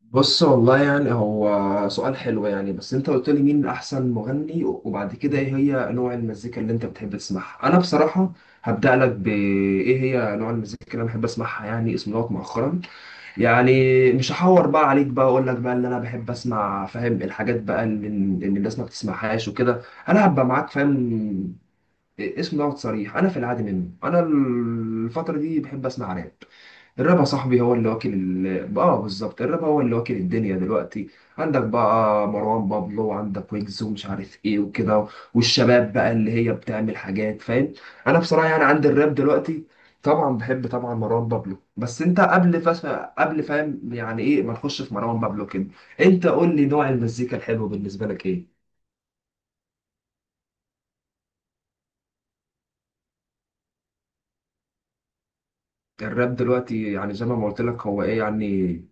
بص، والله يعني هو سؤال حلو. بس انت قلت لي مين احسن مغني وبعد كده ايه هي نوع المزيكا اللي انت بتحب تسمعها. انا بصراحة هبدأ لك بايه هي نوع المزيكا اللي انا بحب اسمعها. يعني اسم دوت مؤخرا. يعني مش هحور بقى عليك بقى، اقول لك بقى اللي انا بحب اسمع. فاهم؟ الحاجات بقى اللي الناس ما بتسمعهاش وكده. انا هبقى معاك فاهم. اسم دوت صريح، انا في العادي منه، انا الفتره دي بحب اسمع راب. الراب يا صاحبي هو اللي واكل ال... اه بالظبط، الراب هو اللي واكل الدنيا دلوقتي. عندك بقى مروان بابلو وعندك ويجز ومش عارف ايه وكده. والشباب بقى اللي هي بتعمل حاجات، فاهم؟ انا بصراحه يعني عندي الراب دلوقتي، طبعا بحب، طبعا مروان بابلو. بس انت قبل قبل فاهم، يعني ايه ما نخش في مروان بابلو كده. انت قول لي نوع المزيكا الحلو بالنسبه لك ايه. الراب دلوقتي يعني زي ما قلت لك هو ايه يعني؟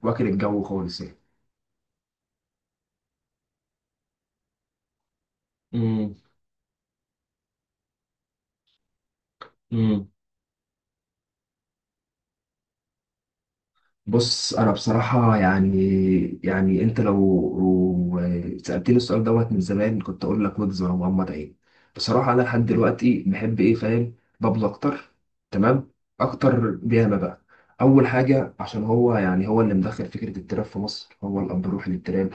واكل الجو خالص يعني. امم امم بص، انا بصراحه يعني. انت لو، سالتني السؤال دوت من زمان كنت اقول لك ويجز ولا محمد عيد. بصراحه انا لحد دلوقتي بحب ايه فاهم، بابلو اكتر. تمام. اكتر بياما بقى. اول حاجه عشان هو، يعني هو اللي مدخل فكره التراب في مصر، هو الاب الروحي للتراب.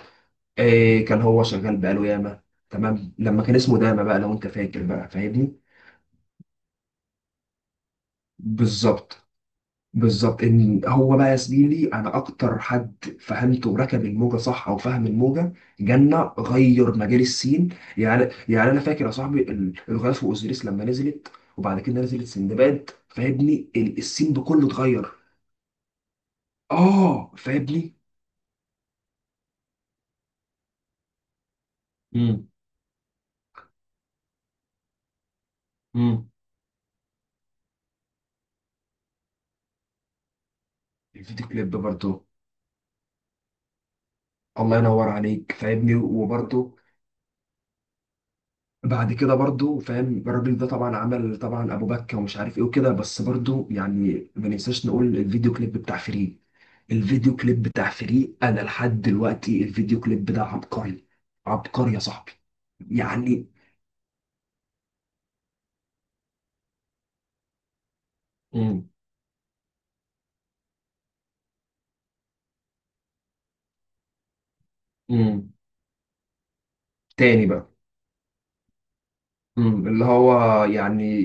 إيه، كان هو شغال بقاله ياما. تمام، لما كان اسمه داما بقى لو انت فاكر بقى فاهمني. بالظبط. بالظبط ان هو بقى يا زميلي انا اكتر حد فهمته وركب الموجه صح او فهم الموجه. جنة غير مجال السين يعني. انا فاكر يا صاحبي الغاز واوزيريس لما نزلت، وبعد كده نزلت سندباد. فاهمني السين بكله اتغير. اه فاهمني. امم. امم. الفيديو كليب برضه. الله ينور عليك فاهمني وبرضه. بعد كده برضو فاهم الراجل ده طبعا عمل طبعا ابو بكه ومش عارف ايه وكده. بس برضو يعني ما ننساش نقول الفيديو كليب بتاع فري. الفيديو كليب بتاع فري انا لحد دلوقتي الفيديو كليب ده عبقري. عبقري يا صاحبي. يعني. امم. امم. تاني بقى. اللي هو يعني،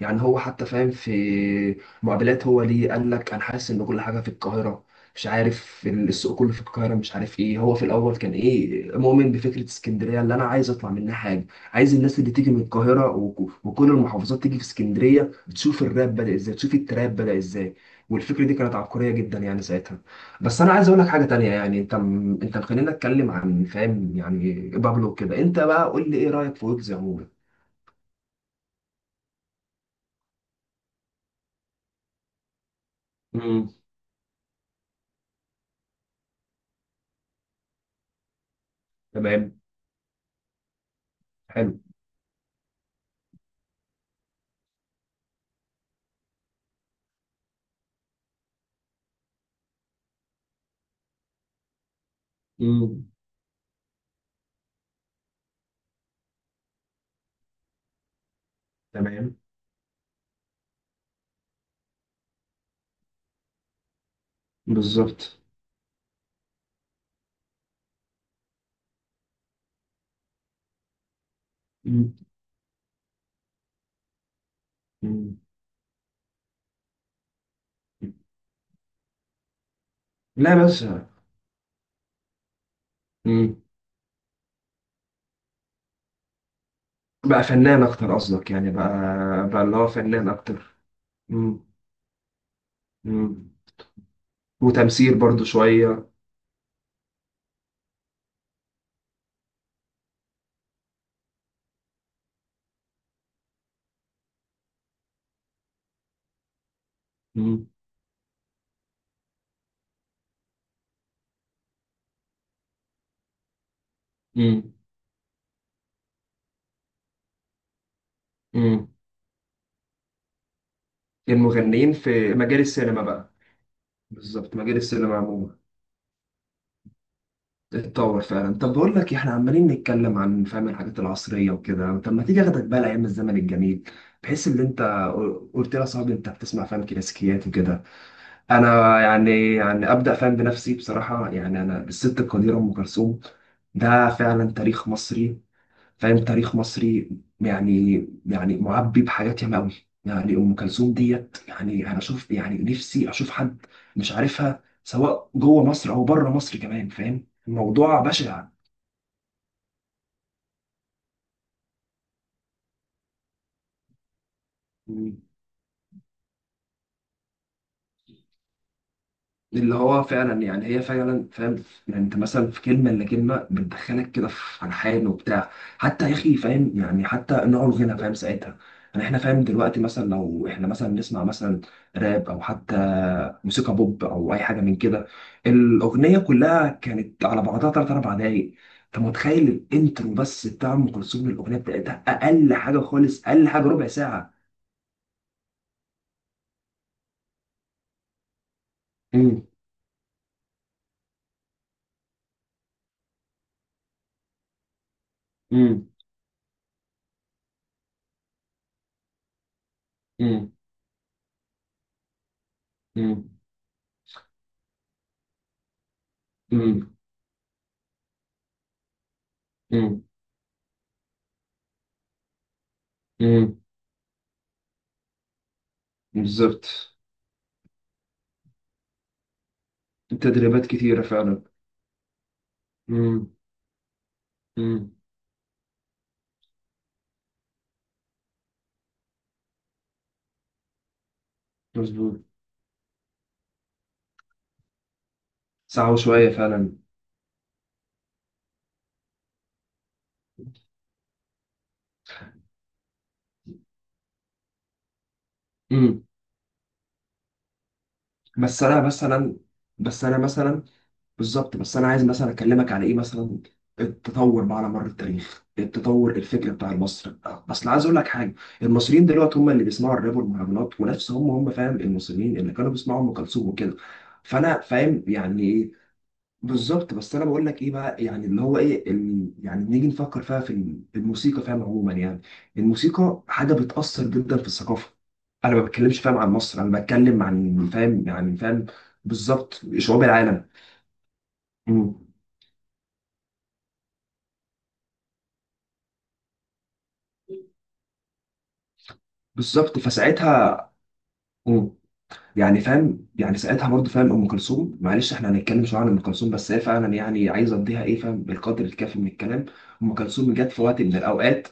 هو حتى فاهم في معادلات. هو ليه قال لك انا حاسس ان كل حاجه في القاهره، مش عارف السوق كله في القاهره، مش عارف ايه. هو في الاول كان ايه مؤمن بفكره اسكندريه اللي انا عايز اطلع منها حاجه. عايز الناس اللي تيجي من القاهره وكل المحافظات تيجي في اسكندريه تشوف الراب بدا ازاي، تشوف التراب بدا ازاي. والفكره دي كانت عبقريه جدا يعني ساعتها. بس انا عايز اقول لك حاجه تانية. يعني انت، خلينا نتكلم عن فاهم يعني بابلو كده. انت بقى قول لي ايه رايك في ويجز عموما؟ مم. تمام. حلو. مم. تمام. بالظبط. مم. مم. لا بس. مم. بقى فنان اكتر قصدك يعني بقى. بقى اللي هو فنان اكتر. مم. مم. وتمثيل برضو شوية. مم. مم. مم. المغنيين في مجال السينما بقى. بالظبط، مجال السينما عموما اتطور فعلا. طب بقول لك إيه، احنا عمالين نتكلم عن فاهم الحاجات العصرية وكده. طب ما تيجي اخدك بقى لايام الزمن الجميل، بحيث ان انت قلت لي يا صاحبي انت بتسمع فاهم كلاسيكيات وكده. انا يعني ابدا فاهم بنفسي بصراحه. يعني انا الست القديره ام كلثوم ده فعلا تاريخ مصري. فاهم تاريخ مصري. يعني. معبي بحاجات ياما قوي. يعني ام كلثوم ديت يعني انا اشوف يعني نفسي اشوف حد مش عارفها سواء جوه مصر او بره مصر كمان. فاهم الموضوع بشع. اللي هو فعلا يعني هي فعلا فاهم. يعني انت مثلا في كلمه الا كلمه بتدخلك كده في الحان وبتاع. حتى يا اخي فاهم، يعني حتى نوع الغنى فاهم ساعتها. يعني احنا فاهم دلوقتي، مثلا لو احنا مثلا نسمع مثلا راب، او حتى موسيقى بوب، او اي حاجه من كده. الاغنيه كلها كانت على بعضها ثلاث اربع دقايق. انت متخيل الانترو بس بتاع ام كلثوم؟ الاغنيه بتاعتها اقل حاجه خالص، اقل حاجه ربع ساعه. امم امم امم امم امم. بالظبط، التدريبات كتيرة فعلا. امم. امم. مظبوط، ساعة وشوية فعلا. امم. بس أنا مثلا بس أنا مثلا بالظبط، بس أنا عايز مثلا أكلمك على إيه مثلا. التطور بقى على مر التاريخ، التطور الفكري بتاع المصري. أصل عايز أقول لك حاجة، المصريين دلوقتي هم اللي بيسمعوا الراب والمهرجانات ونفس هم فاهم المصريين اللي كانوا بيسمعوا أم كلثوم وكده. فأنا فاهم يعني إيه؟ بالظبط. بس انا بقول لك ايه بقى؟ يعني اللي هو ايه ال... يعني نيجي نفكر فيها في في الموسيقى فاهم عموما. يعني الموسيقى حاجه بتاثر جدا في الثقافه. انا ما بتكلمش فاهم عن مصر، انا بتكلم عن فاهم يعني فاهم. بالظبط شعوب العالم. مم. بالظبط فساعتها. مم. يعني فاهم، يعني ساعتها برضه فاهم ام كلثوم. معلش احنا هنتكلم شويه عن ام كلثوم. بس هي فعلا يعني عايزه اديها ايه فاهم القدر الكافي من الكلام. ام كلثوم جت في وقت من الاوقات.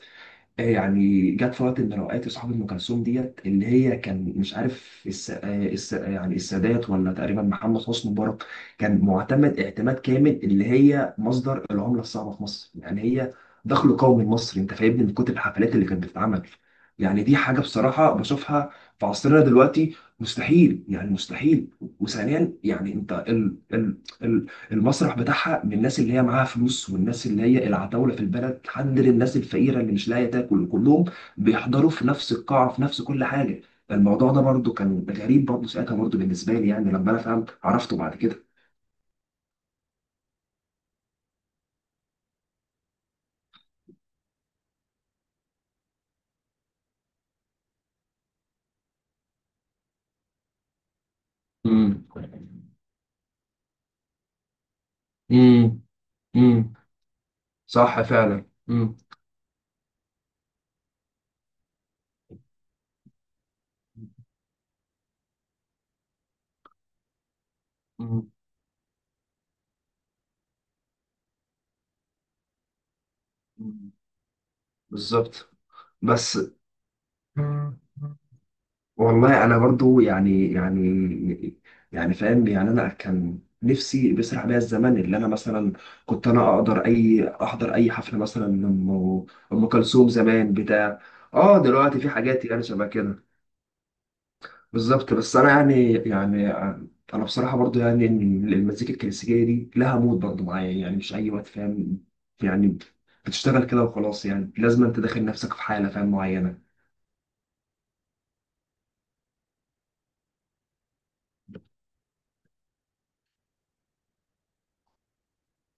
يعني جت في وقت من الاوقات. صاحب ام كلثوم ديت اللي هي كان مش عارف الس... آه، الس... آه، يعني السادات ولا تقريبا محمد حسني مبارك. كان معتمد اعتماد كامل اللي هي مصدر العمله الصعبه في مصر. يعني هي دخل قومي لمصر، انت فاهمني، من كتر الحفلات اللي كانت بتتعمل. يعني دي حاجه بصراحه بشوفها في عصرنا دلوقتي مستحيل، يعني مستحيل. وثانيا يعني انت ال... المسرح بتاعها، من الناس اللي هي معاها فلوس والناس اللي هي العتاولة في البلد حد للناس الفقيرة اللي مش لاقية تاكل، كلهم بيحضروا في نفس القاعة، في نفس كل حاجة. الموضوع ده برضه كان غريب برضه ساعتها برضه بالنسبة لي. يعني لما أنا فهمت عرفته بعد كده. امم. امم. امم صح فعلا. امم. امم. بالظبط. بس. والله انا برضو فاهم. يعني انا كان نفسي بيسرح بيا الزمن اللي انا مثلا كنت انا اقدر اي احضر اي حفله مثلا لام ام كلثوم زمان بتاع. اه دلوقتي في حاجات يعني شبه كده. بالظبط. بس انا انا بصراحه برضو يعني ان المزيكا الكلاسيكيه دي لها مود برضو معايا، يعني مش اي وقت فاهم. يعني بتشتغل كده وخلاص، يعني لازم انت داخل نفسك في حاله فاهم معينه.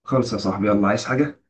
خلص يا صاحبي، يلا عايز حاجه؟